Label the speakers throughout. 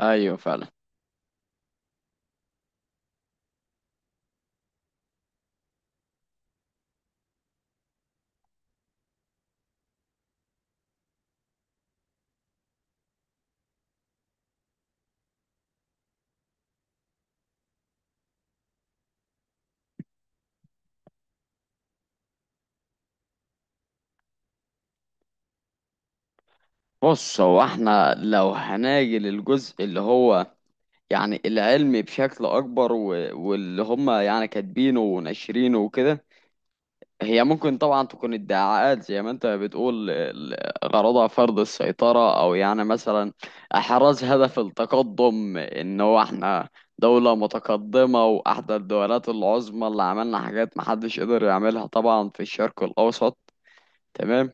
Speaker 1: ايوه، فعلا. بص، هو احنا لو هناجي للجزء اللي هو يعني العلمي بشكل اكبر واللي هم يعني كاتبينه وناشرينه وكده. هي ممكن طبعا تكون ادعاءات زي ما انت بتقول، غرضها فرض السيطرة، او يعني مثلا احراز هدف التقدم ان هو احنا دولة متقدمة واحدى الدولات العظمى اللي عملنا حاجات محدش قدر يعملها طبعا في الشرق الاوسط. تمام.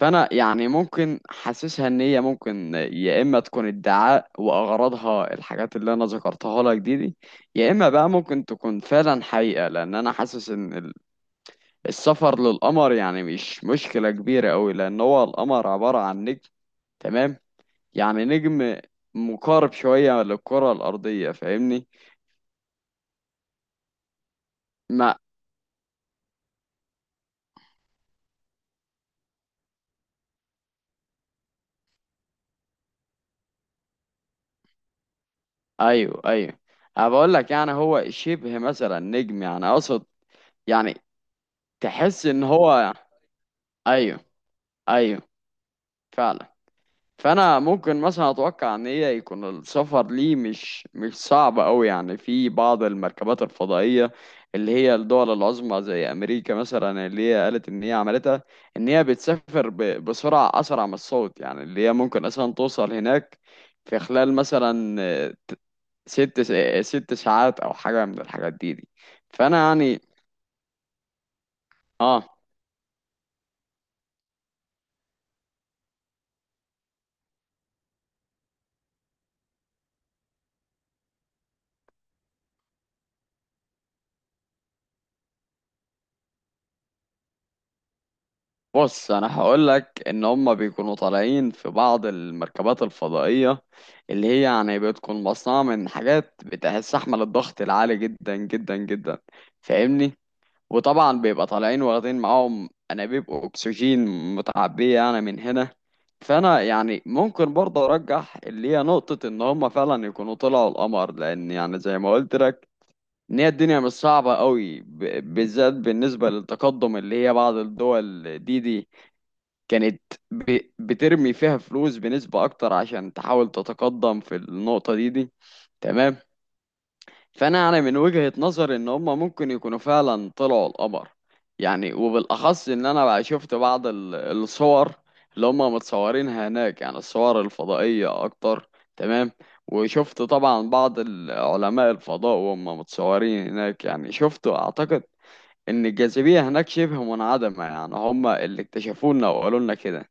Speaker 1: فانا يعني ممكن حاسسها ان هي ممكن يا اما تكون ادعاء واغراضها الحاجات اللي انا ذكرتها لك دي، يا اما بقى ممكن تكون فعلا حقيقة، لان انا حاسس ان السفر للقمر يعني مش مشكلة كبيرة قوي، لان هو القمر عبارة عن نجم. تمام. يعني نجم مقارب شوية للكرة الارضية، فاهمني. ما ايوه، ايوه. أنا بقول لك يعني هو شبه مثلا نجم، يعني اقصد يعني تحس ان هو، ايوه، ايوه فعلا. فانا ممكن مثلا اتوقع ان هي يكون السفر ليه مش صعب قوي، يعني في بعض المركبات الفضائيه اللي هي الدول العظمى زي امريكا مثلا اللي هي قالت ان هي عملتها، ان هي بتسافر بسرعه اسرع من الصوت، يعني اللي هي ممكن اصلا توصل هناك في خلال مثلا ست س- آه، ست ساعات او حاجه من الحاجات دي. فانا يعني اه. بص، انا هقول لك ان هم بيكونوا طالعين في بعض المركبات الفضائيه اللي هي يعني بتكون مصنوعه من حاجات بتستحمل الضغط العالي جدا جدا جدا، فاهمني. وطبعا بيبقى طالعين واخدين معاهم انابيب اكسجين متعبيه يعني من هنا. فانا يعني ممكن برضه ارجح اللي هي نقطه ان هم فعلا يكونوا طلعوا القمر، لان يعني زي ما قلت لك ان هي الدنيا مش صعبه قوي، بالذات بالنسبه للتقدم اللي هي بعض الدول دي كانت بترمي فيها فلوس بنسبة أكتر عشان تحاول تتقدم في النقطة دي. تمام. فأنا من وجهة نظري إن هما ممكن يكونوا فعلا طلعوا القمر، يعني وبالأخص إن أنا بقى شفت بعض الصور اللي هما متصورينها هناك، يعني الصور الفضائية أكتر. تمام. وشفت طبعا بعض علماء الفضاء وهم متصورين هناك، يعني شفت أعتقد إن الجاذبية هناك شبه منعدمة، يعني هما اللي اكتشفونا وقالوا لنا كده.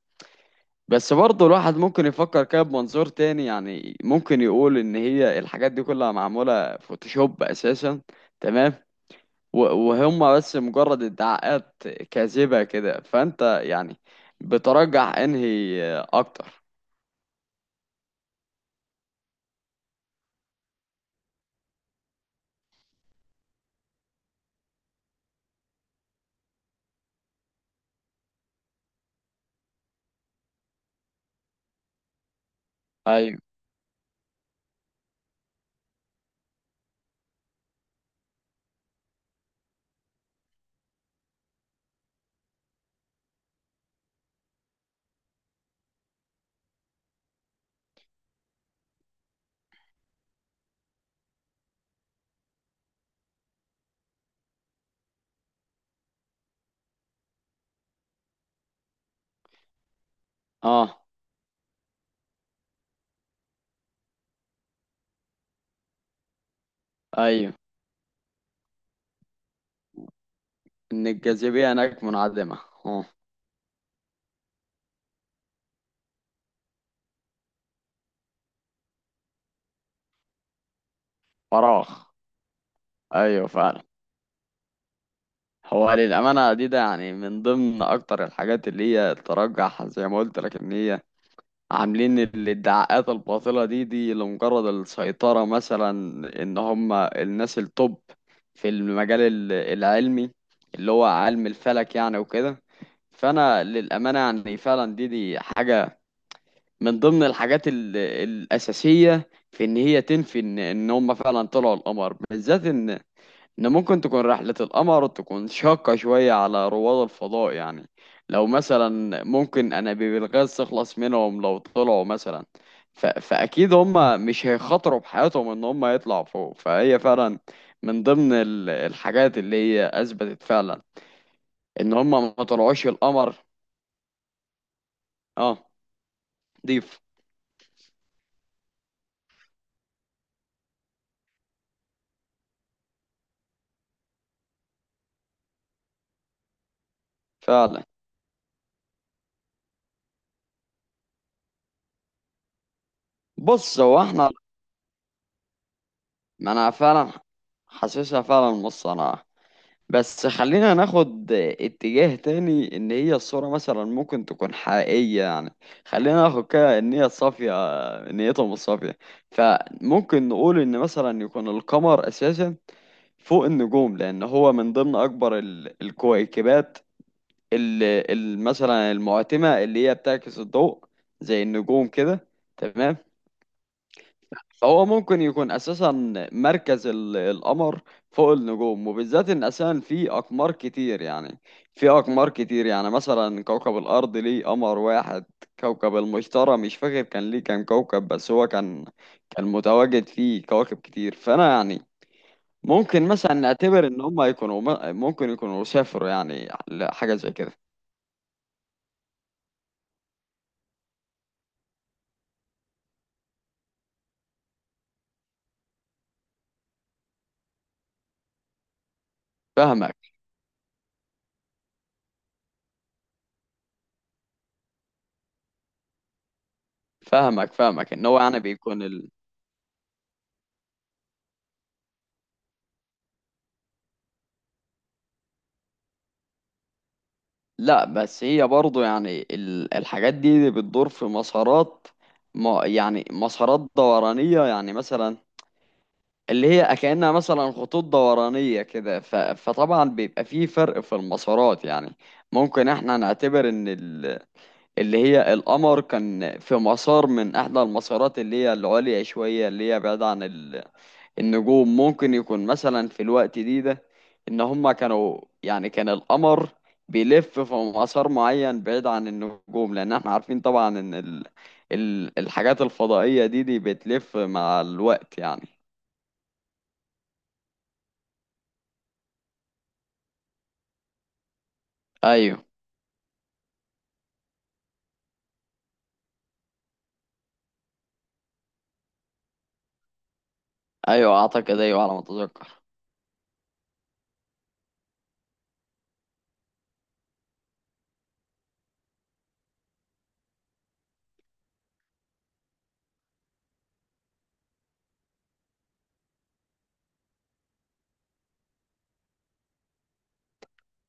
Speaker 1: بس برضه الواحد ممكن يفكر كده بمنظور تاني، يعني ممكن يقول ان هي الحاجات دي كلها معمولة فوتوشوب اساسا. تمام. و- وهم بس مجرد ادعاءات كاذبة كده. فانت يعني بترجح انهي اكتر؟ ايوه. اه، ايوه، ان الجاذبية هناك منعدمة. اه، فراغ. ايوه فعلا. هو للأمانة دي يعني من ضمن اكتر الحاجات اللي هي ترجح زي ما قلت لك ان هي عاملين الدعاءات الباطلة دي لمجرد السيطرة مثلا، ان هم الناس التوب في المجال العلمي اللي هو علم الفلك يعني وكده. فانا للأمانة يعني فعلا دي حاجة من ضمن الحاجات الأساسية في ان هي تنفي ان ان هم فعلا طلعوا القمر، بالذات ان ممكن تكون رحلة القمر تكون شاقة شوية على رواد الفضاء، يعني لو مثلا ممكن انابيب الغاز تخلص منهم لو طلعوا مثلا، فاكيد هم مش هيخاطروا بحياتهم ان هم يطلعوا فوق. فهي فعلا من ضمن الحاجات اللي هي اثبتت فعلا ان هم ما طلعوش القمر. اه، ضيف. فعلا. بص هو احنا، ما انا فعلا حاسسها فعلا نص. انا بس خلينا ناخد اتجاه تاني، ان هي الصورة مثلا ممكن تكون حقيقية، يعني خلينا ناخد كده ان هي صافية، نيتهم الصافية. فممكن نقول ان مثلا يكون القمر اساسا فوق النجوم، لان هو من ضمن اكبر الكويكبات اللي مثلا المعتمة اللي هي بتعكس الضوء زي النجوم كده. تمام. فهو ممكن يكون اساسا مركز القمر فوق النجوم، وبالذات ان اساسا في اقمار كتير، يعني مثلا كوكب الارض ليه قمر واحد، كوكب المشتري مش فاكر كان ليه كام كوكب، بس هو كان متواجد فيه كواكب كتير. فانا يعني ممكن مثلا نعتبر ان هم يكونوا ممكن يكونوا سافروا يعني لحاجة زي كده. فاهمك، فاهمك ان هو يعني بيكون، لا بس هي برضو يعني الحاجات دي بتدور في مسارات، ما يعني مسارات دورانية يعني مثلا اللي هي كأنها مثلا خطوط دورانية كده، فطبعا بيبقى فيه فرق في المسارات. يعني ممكن احنا نعتبر ان اللي هي القمر كان في مسار من احدى المسارات اللي هي العليا شوية اللي هي بعيدة عن النجوم. ممكن يكون مثلا في الوقت ده ان هما كانوا يعني كان القمر بيلف في مسار معين بعيد عن النجوم، لان احنا عارفين طبعا ان الحاجات الفضائية دي بتلف مع الوقت يعني. ايوه. ايوه اعتقد، ايوه على ما اتذكر.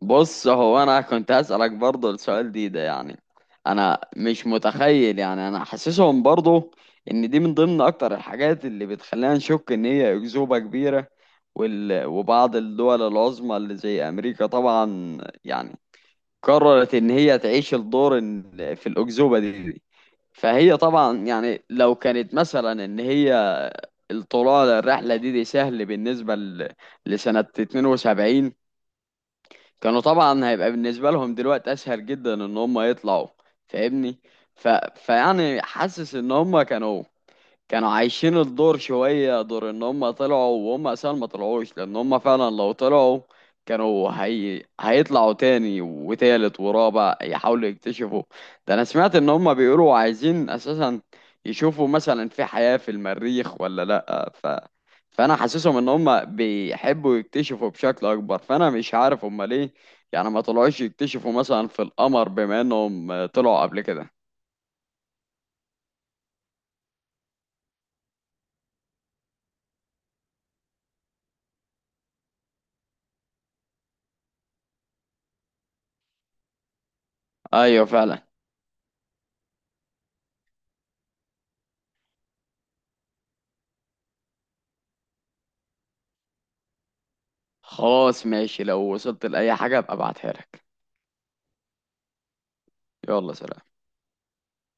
Speaker 1: بص هو انا كنت هسألك برضه السؤال ده يعني، انا مش متخيل يعني، انا حاسسهم برضه ان دي من ضمن اكتر الحاجات اللي بتخلينا نشك ان هي اكذوبة كبيرة. وبعض الدول العظمى اللي زي امريكا طبعا يعني قررت ان هي تعيش الدور في الاكذوبة دي. فهي طبعا يعني لو كانت مثلا ان هي الطلوع للرحلة دي سهل بالنسبة لسنة 72، كانوا طبعا هيبقى بالنسبة لهم دلوقتي أسهل جدا إن هم يطلعوا، فاهمني. ف... فيعني حاسس إن هم كانوا عايشين الدور شوية، دور ان هم طلعوا وهم اساسا ما طلعوش، لان هم فعلا لو طلعوا كانوا هيطلعوا تاني وتالت ورابع يحاولوا يكتشفوا. ده انا سمعت ان هم بيقولوا عايزين اساسا يشوفوا مثلا في حياة في المريخ ولا لا. فانا حاسسهم ان هم بيحبوا يكتشفوا بشكل اكبر، فانا مش عارف هم ليه يعني ما طلعوش يكتشفوا مثلا في القمر بما انهم طلعوا قبل كده. ايوه فعلا. خلاص ماشي، لو وصلت لأي حاجة ابقى ابعتها لك. يلا سلام.